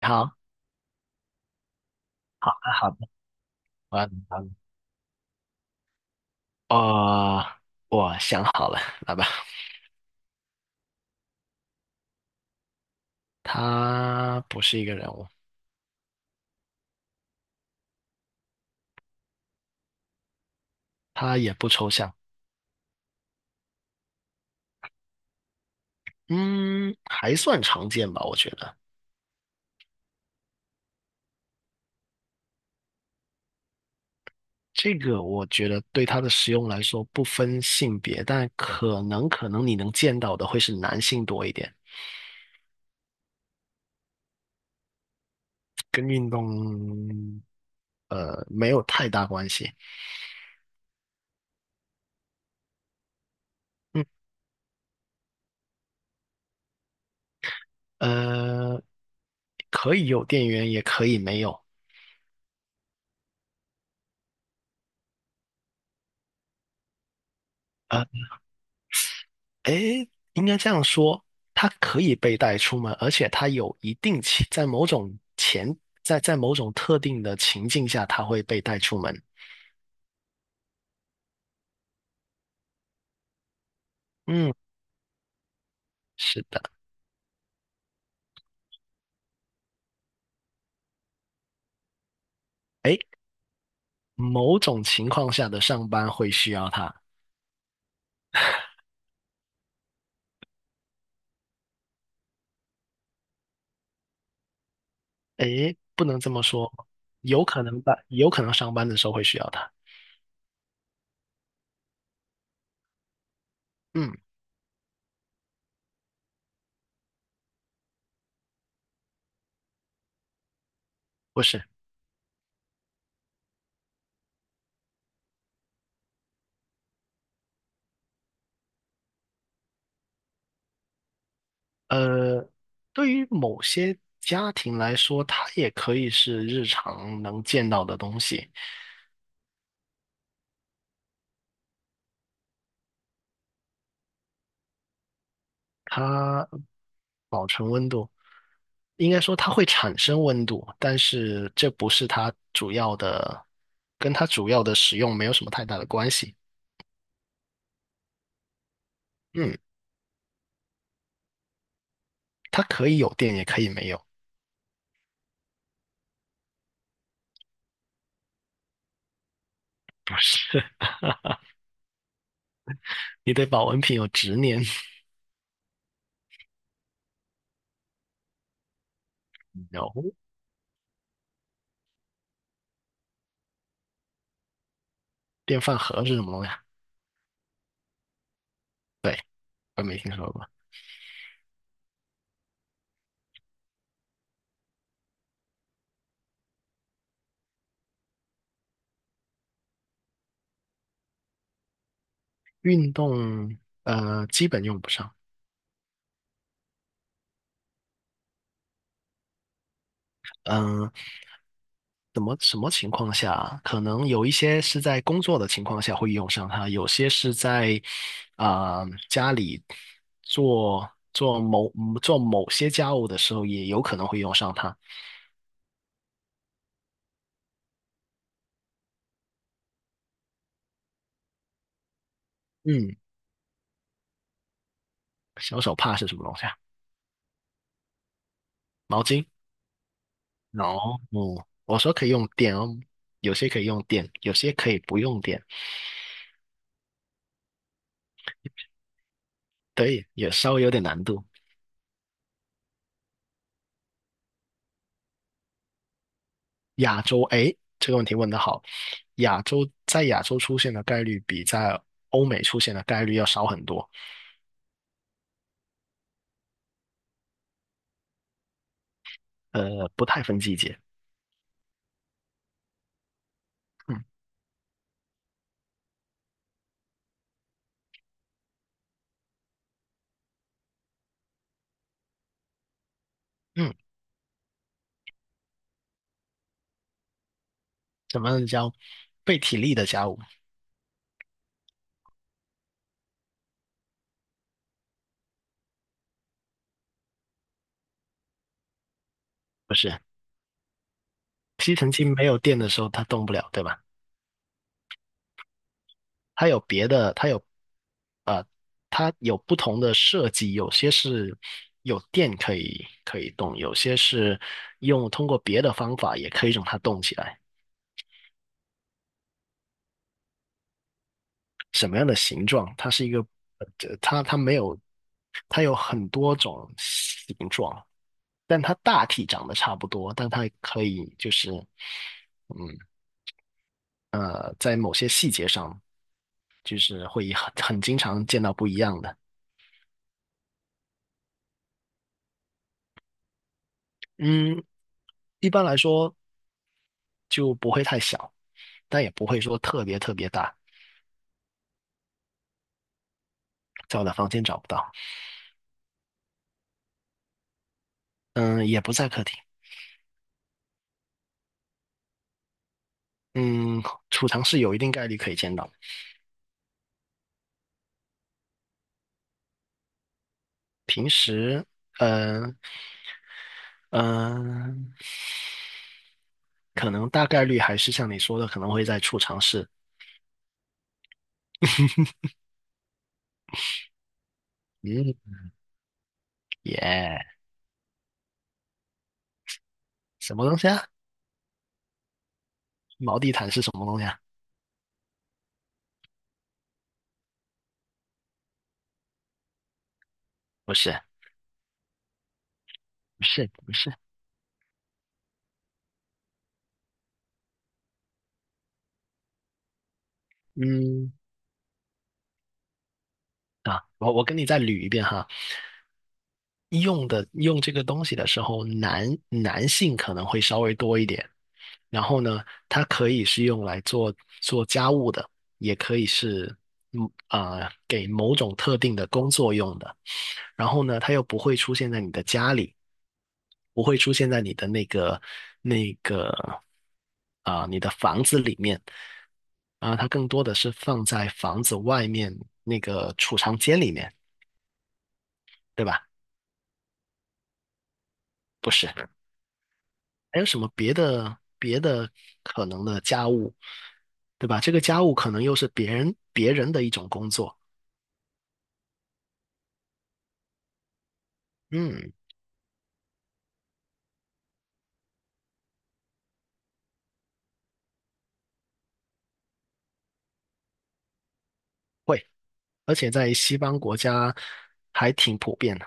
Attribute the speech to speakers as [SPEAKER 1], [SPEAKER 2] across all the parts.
[SPEAKER 1] 好，好的，好的，我要你好你。哦，我想好了，来吧。他不是一个人物，他也不抽象。嗯，还算常见吧，我觉得。这个我觉得对他的使用来说不分性别，但可能你能见到的会是男性多一点。跟运动没有太大关系。嗯，呃，可以有电源，也可以没有。呃诶，应该这样说，它可以被带出门，而且它有一定情，在某种特定的情境下，它会被带出门。嗯，是的。诶，某种情况下的上班会需要它。不能这么说，有可能吧，有可能上班的时候会需要它。嗯，不是。呃，对于某些家庭来说，它也可以是日常能见到的东西。它应该说它会产生温度，但是这不是它主要的，跟它主要的使用没有什么太大的关系。嗯，它可以有电，也可以没有。不是。你对保温瓶有执念。 n 电饭盒是什么东西啊？我没听说过。运动，基本用不上。嗯、什么情况下，可能有一些是在工作的情况下会用上它，有些是在啊、家里做做某做某些家务的时候，也有可能会用上它。嗯，小手帕是什么东西啊？毛巾。哦，嗯，我说可以用电哦，有些可以用电，有些可以不用电。对，也稍微有点难度。亚洲，哎，这个问题问得好。亚洲在亚洲出现的概率比在欧美出现的概率要少很多。不太分季节。嗯嗯，怎么叫被体力的家务？不是，吸尘器没有电的时候它动不了，对吧？它有别的，它有不同的设计，有些是有电可以动，有些是用通过别的方法也可以让它动起来。什么样的形状，它是一个，它没有，它有很多种形状，但它大体长得差不多，但它可以就是。嗯在某些细节上，就是会很经常见到不一样的。嗯，一般来说就不会太小，但也不会说特别特别大。在我的房间找不到。嗯，也不在客厅。嗯，储藏室有一定概率可以见到。平时，嗯。嗯，可能大概率还是像你说的，可能会在储藏室。嗯，耶，什么东西啊？毛地毯是什么东西啊？不是，不是，不是。嗯，我跟你再捋一遍哈。用这个东西的时候，男性可能会稍微多一点。然后呢，它可以是用来做家务的，也可以是给某种特定的工作用的。然后呢，它又不会出现在你的家里。不会出现在你的那个你的房子里面它更多的是放在房子外面那个储藏间里面，对吧？不是，还有什么别的可能的家务，对吧？这个家务可能又是别人的一种工作。嗯，会，而且在西方国家还挺普遍的。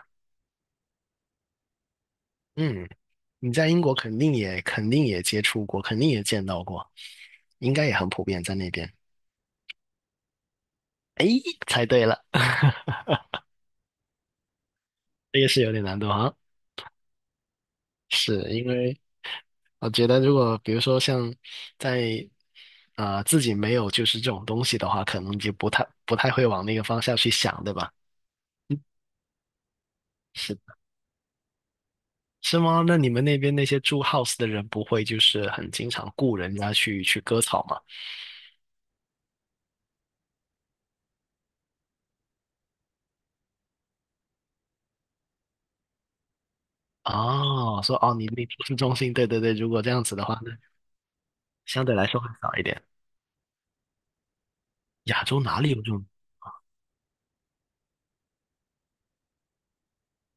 [SPEAKER 1] 嗯。你在英国肯定也接触过，肯定也见到过，应该也很普遍在那边。哎，猜对了，这个是有点难度哈。是因为我觉得，如果比如说像在自己没有就是这种东西的话，可能就不太会往那个方向去想，对吧？嗯，是是吗？那你们那边那些住 house 的人不会就是很经常雇人家去割草吗？哦，说哦，你住市中心，对对对。如果这样子的话，那相对来说会少一点。亚洲哪里有这种？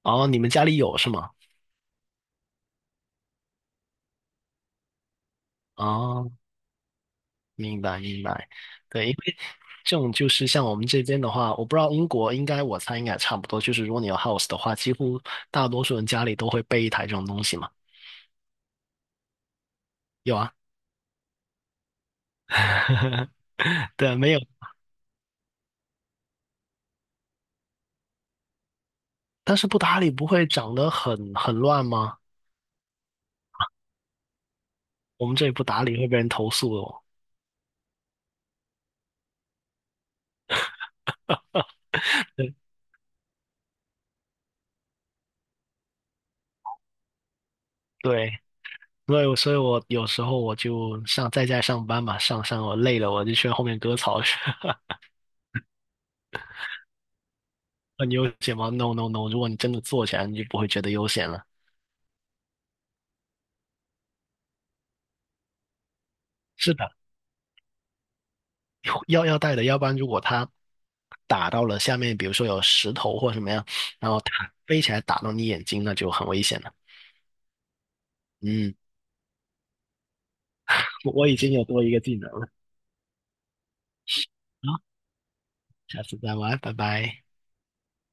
[SPEAKER 1] 哦，你们家里有是吗？哦，明白明白。对，因为这种就是像我们这边的话，我不知道英国，我猜应该也差不多，就是如果你有 house 的话，几乎大多数人家里都会备一台这种东西嘛。有啊。对，没有，但是不打理不会长得很乱吗？我们这里不打理会被人投诉的哦。对对，所以我有时候我就上在家上班嘛，我累了我就去后面割草去。很悠闲吗？No No No，如果你真的做起来，你就不会觉得悠闲了。是的。要带的，要不然如果它打到了下面，比如说有石头或什么样，然后它飞起来打到你眼睛，那就很危险了。嗯，我已经有多一个技能了。好，下次再玩，拜拜。